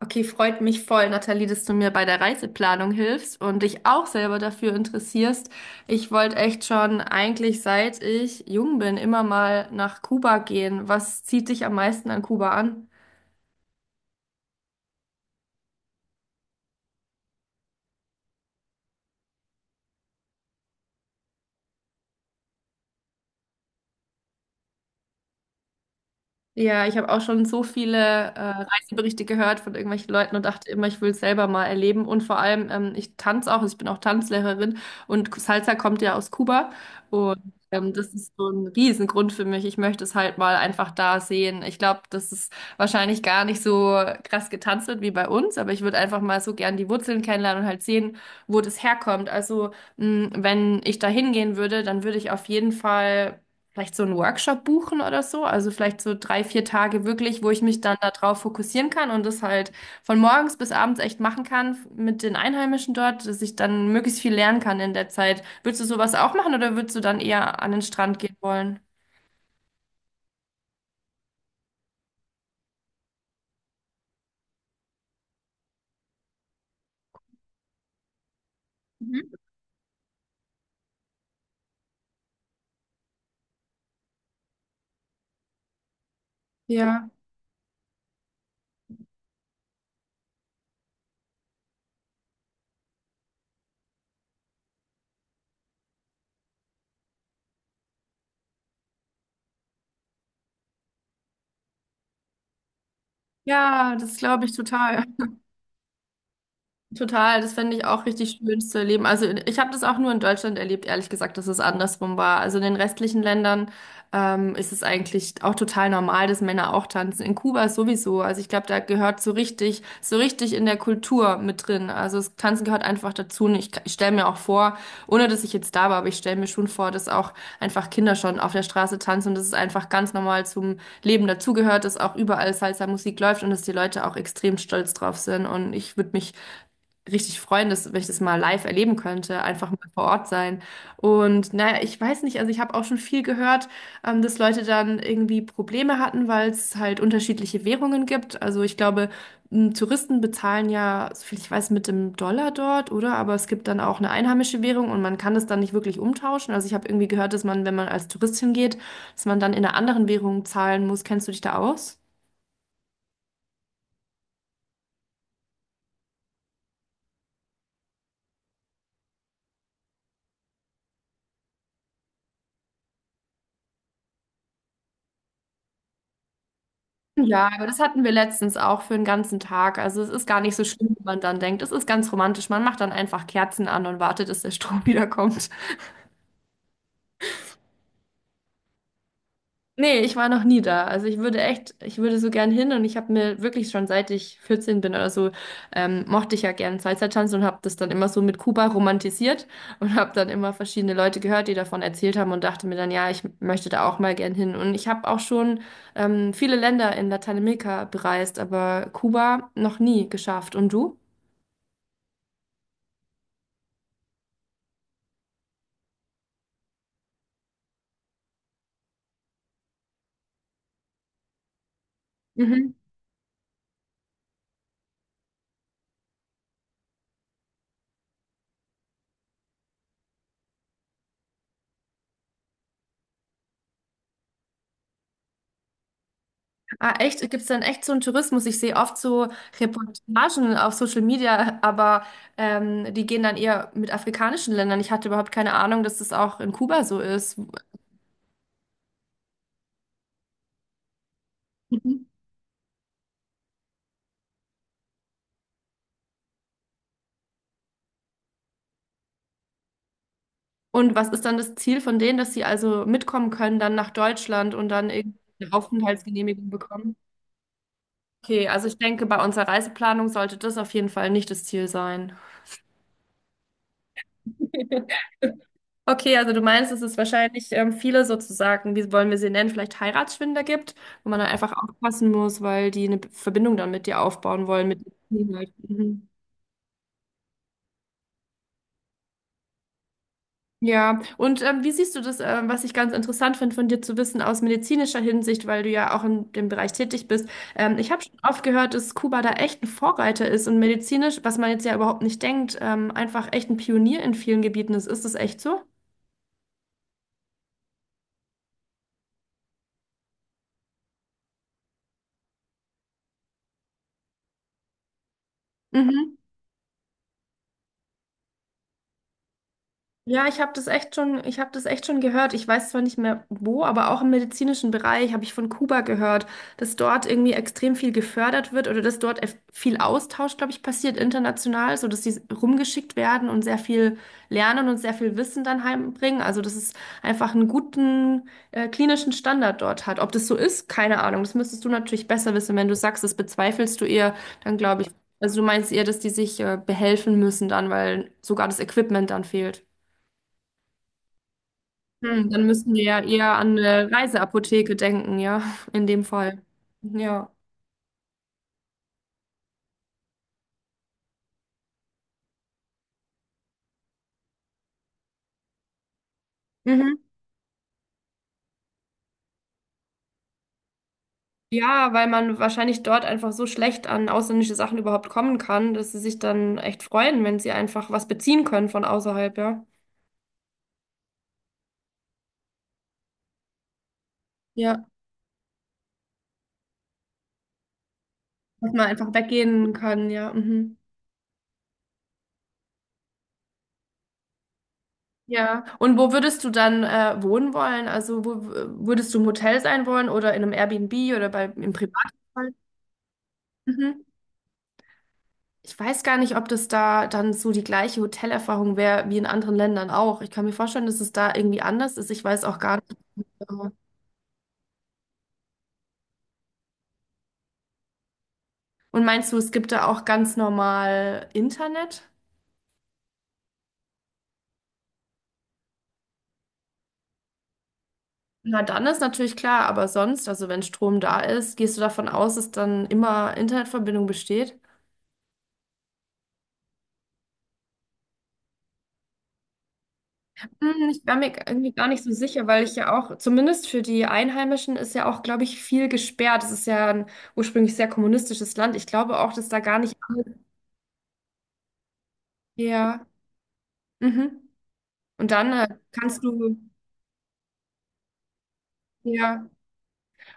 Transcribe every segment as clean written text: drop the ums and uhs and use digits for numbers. Okay, freut mich voll, Nathalie, dass du mir bei der Reiseplanung hilfst und dich auch selber dafür interessierst. Ich wollte echt schon eigentlich seit ich jung bin immer mal nach Kuba gehen. Was zieht dich am meisten an Kuba an? Ja, ich habe auch schon so viele Reiseberichte gehört von irgendwelchen Leuten und dachte immer, ich will es selber mal erleben. Und vor allem, ich tanze auch, also ich bin auch Tanzlehrerin und Salsa kommt ja aus Kuba. Und das ist so ein Riesengrund für mich. Ich möchte es halt mal einfach da sehen. Ich glaube, dass es wahrscheinlich gar nicht so krass getanzt wird wie bei uns, aber ich würde einfach mal so gern die Wurzeln kennenlernen und halt sehen, wo das herkommt. Also, wenn ich da hingehen würde, dann würde ich auf jeden Fall vielleicht so einen Workshop buchen oder so. Also vielleicht so 3, 4 Tage wirklich, wo ich mich dann darauf fokussieren kann und das halt von morgens bis abends echt machen kann mit den Einheimischen dort, dass ich dann möglichst viel lernen kann in der Zeit. Würdest du sowas auch machen oder würdest du dann eher an den Strand gehen wollen? Mhm. Ja. Ja, das glaube ich total. Total, das fände ich auch richtig schön zu erleben. Also ich habe das auch nur in Deutschland erlebt, ehrlich gesagt, dass es andersrum war. Also in den restlichen Ländern ist es eigentlich auch total normal, dass Männer auch tanzen. In Kuba sowieso. Also ich glaube, da gehört so richtig in der Kultur mit drin. Also das Tanzen gehört einfach dazu. Und ich stelle mir auch vor, ohne dass ich jetzt da war, aber ich stelle mir schon vor, dass auch einfach Kinder schon auf der Straße tanzen und dass es einfach ganz normal zum Leben dazugehört, dass auch überall Salsa-Musik läuft und dass die Leute auch extrem stolz drauf sind. Und ich würde mich richtig freuen, dass, wenn ich das mal live erleben könnte, einfach mal vor Ort sein. Und naja, ich weiß nicht, also ich habe auch schon viel gehört, dass Leute dann irgendwie Probleme hatten, weil es halt unterschiedliche Währungen gibt. Also ich glaube, Touristen bezahlen ja, soviel ich weiß, mit dem Dollar dort, oder? Aber es gibt dann auch eine einheimische Währung und man kann das dann nicht wirklich umtauschen. Also ich habe irgendwie gehört, dass man, wenn man als Tourist hingeht, dass man dann in einer anderen Währung zahlen muss. Kennst du dich da aus? Ja, aber das hatten wir letztens auch für einen ganzen Tag. Also es ist gar nicht so schlimm, wie man dann denkt. Es ist ganz romantisch. Man macht dann einfach Kerzen an und wartet, dass der Strom wiederkommt. Nee, ich war noch nie da. Also ich würde echt, ich würde so gern hin und ich habe mir wirklich schon seit ich 14 bin oder so, mochte ich ja gern Salsa-Tanz und habe das dann immer so mit Kuba romantisiert und habe dann immer verschiedene Leute gehört, die davon erzählt haben und dachte mir dann, ja, ich möchte da auch mal gern hin. Und ich habe auch schon viele Länder in Lateinamerika bereist, aber Kuba noch nie geschafft. Und du? Mhm. Ah, echt? Gibt es dann echt so einen Tourismus? Ich sehe oft so Reportagen auf Social Media, aber die gehen dann eher mit afrikanischen Ländern. Ich hatte überhaupt keine Ahnung, dass das auch in Kuba so ist. Mhm. Und was ist dann das Ziel von denen, dass sie also mitkommen können dann nach Deutschland und dann irgendwie eine Aufenthaltsgenehmigung bekommen? Okay, also ich denke, bei unserer Reiseplanung sollte das auf jeden Fall nicht das Ziel sein. Okay, also du meinst, dass es wahrscheinlich viele sozusagen, wie wollen wir sie nennen, vielleicht Heiratsschwindler gibt, wo man dann einfach aufpassen muss, weil die eine Verbindung dann mit dir aufbauen wollen, mit dem Inhalt. Mhm. Ja, und wie siehst du das, was ich ganz interessant finde, von dir zu wissen aus medizinischer Hinsicht, weil du ja auch in dem Bereich tätig bist. Ich habe schon oft gehört, dass Kuba da echt ein Vorreiter ist und medizinisch, was man jetzt ja überhaupt nicht denkt, einfach echt ein Pionier in vielen Gebieten ist. Ist das echt so? Mhm. Ja, ich habe das echt schon gehört. Ich weiß zwar nicht mehr wo, aber auch im medizinischen Bereich habe ich von Kuba gehört, dass dort irgendwie extrem viel gefördert wird oder dass dort viel Austausch, glaube ich, passiert international, so dass sie rumgeschickt werden und sehr viel lernen und sehr viel Wissen dann heimbringen. Also, dass es einfach einen guten klinischen Standard dort hat. Ob das so ist, keine Ahnung. Das müsstest du natürlich besser wissen. Wenn du sagst, das bezweifelst du eher, dann glaube ich, also du meinst eher, dass die sich behelfen müssen dann, weil sogar das Equipment dann fehlt. Hm, dann müssen wir ja eher an eine Reiseapotheke denken, ja, in dem Fall. Ja. Mhm. Ja, weil man wahrscheinlich dort einfach so schlecht an ausländische Sachen überhaupt kommen kann, dass sie sich dann echt freuen, wenn sie einfach was beziehen können von außerhalb, ja. Ja. Dass man einfach weggehen kann, ja. Mhm. Ja. Und wo würdest du dann wohnen wollen? Also wo würdest du im Hotel sein wollen oder in einem Airbnb oder bei im Privatfall? Ich weiß gar nicht, ob das da dann so die gleiche Hotelerfahrung wäre wie in anderen Ländern auch. Ich kann mir vorstellen, dass es da irgendwie anders ist. Ich weiß auch gar nicht. äh, Und meinst du, es gibt da auch ganz normal Internet? Na, dann ist natürlich klar, aber sonst, also wenn Strom da ist, gehst du davon aus, dass dann immer Internetverbindung besteht? Hm, ich war mir irgendwie gar nicht so sicher, weil ich ja auch, zumindest für die Einheimischen, ist ja auch, glaube ich, viel gesperrt. Es ist ja ein ursprünglich sehr kommunistisches Land. Ich glaube auch, dass da gar nicht alles. Ja. Mhm. Und dann ja,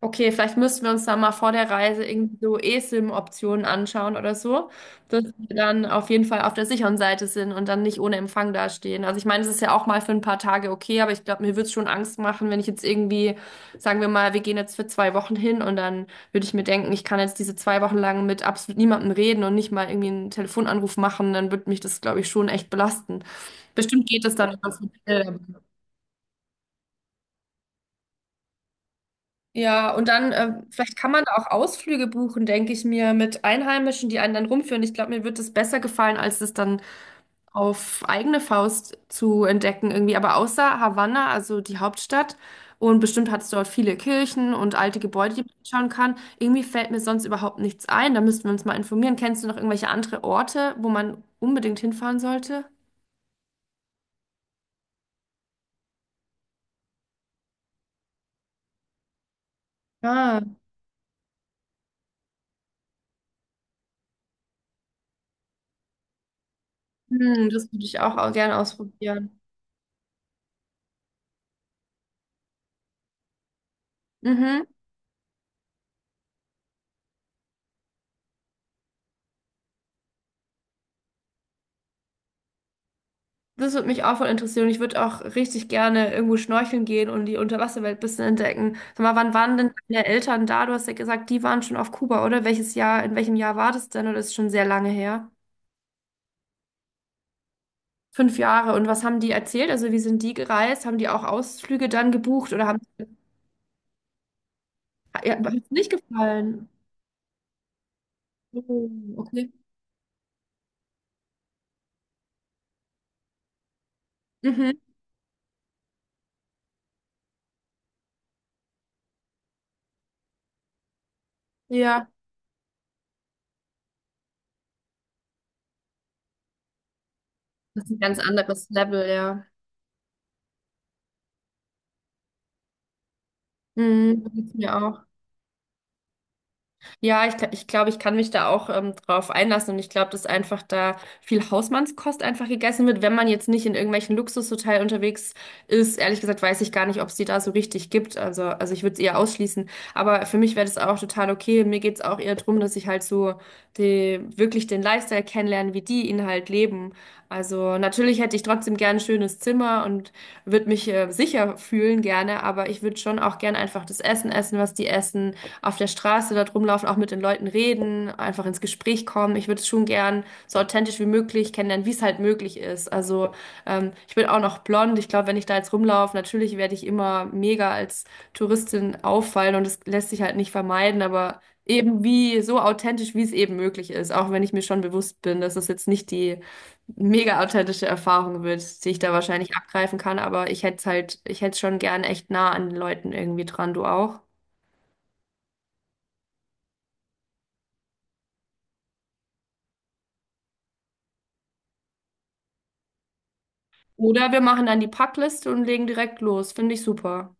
okay, vielleicht müssten wir uns da mal vor der Reise irgendwie so esim optionen anschauen oder so, dass wir dann auf jeden Fall auf der sicheren Seite sind und dann nicht ohne Empfang dastehen. Also ich meine, es ist ja auch mal für ein paar Tage okay, aber ich glaube, mir würde es schon Angst machen, wenn ich jetzt irgendwie, sagen wir mal, wir gehen jetzt für 2 Wochen hin und dann würde ich mir denken, ich kann jetzt diese 2 Wochen lang mit absolut niemandem reden und nicht mal irgendwie einen Telefonanruf machen, dann würde mich das, glaube ich, schon echt belasten. Bestimmt geht es dann über das Hotel, ja, und dann, vielleicht kann man da auch Ausflüge buchen, denke ich mir, mit Einheimischen, die einen dann rumführen. Ich glaube, mir wird es besser gefallen, als es dann auf eigene Faust zu entdecken irgendwie. Aber außer Havanna, also die Hauptstadt, und bestimmt hat es dort viele Kirchen und alte Gebäude, die man anschauen kann. Irgendwie fällt mir sonst überhaupt nichts ein. Da müssten wir uns mal informieren. Kennst du noch irgendwelche andere Orte, wo man unbedingt hinfahren sollte? Ah, hm, das würde ich auch, auch gerne ausprobieren. Mhm. Das würde mich auch voll interessieren. Ich würde auch richtig gerne irgendwo schnorcheln gehen und die Unterwasserwelt ein bisschen entdecken. Sag mal, wann waren denn deine Eltern da? Du hast ja gesagt, die waren schon auf Kuba, oder? Welches Jahr, in welchem Jahr war das denn? Oder ist schon sehr lange her? 5 Jahre. Und was haben die erzählt? Also, wie sind die gereist? Haben die auch Ausflüge dann gebucht oder haben ja, hat es nicht gefallen? Oh, okay. Mhm. Ja. Das ist ein ganz anderes Level, ja. Mhm. Das geht's mir auch. Ja, ich glaube, ich kann mich da auch drauf einlassen und ich glaube, dass einfach da viel Hausmannskost einfach gegessen wird, wenn man jetzt nicht in irgendwelchen Luxushotels unterwegs ist. Ehrlich gesagt weiß ich gar nicht, ob es die da so richtig gibt. Also ich würde es eher ausschließen. Aber für mich wäre das auch total okay. Mir geht's auch eher drum, dass ich halt so die, wirklich den Lifestyle kennenlerne, wie die ihn halt leben. Also natürlich hätte ich trotzdem gern ein schönes Zimmer und würde mich sicher fühlen gerne, aber ich würde schon auch gern einfach das Essen essen, was die essen auf der Straße dort rumlaufen, auch mit den Leuten reden, einfach ins Gespräch kommen. Ich würde es schon gern so authentisch wie möglich kennenlernen, wie es halt möglich ist. Also ich bin auch noch blond. Ich glaube, wenn ich da jetzt rumlaufe, natürlich werde ich immer mega als Touristin auffallen und das lässt sich halt nicht vermeiden, aber eben wie so authentisch, wie es eben möglich ist, auch wenn ich mir schon bewusst bin, dass es jetzt nicht die mega authentische Erfahrung wird, die ich da wahrscheinlich abgreifen kann, aber ich hätte es schon gern echt nah an den Leuten irgendwie dran, du auch. Oder wir machen dann die Packliste und legen direkt los. Finde ich super.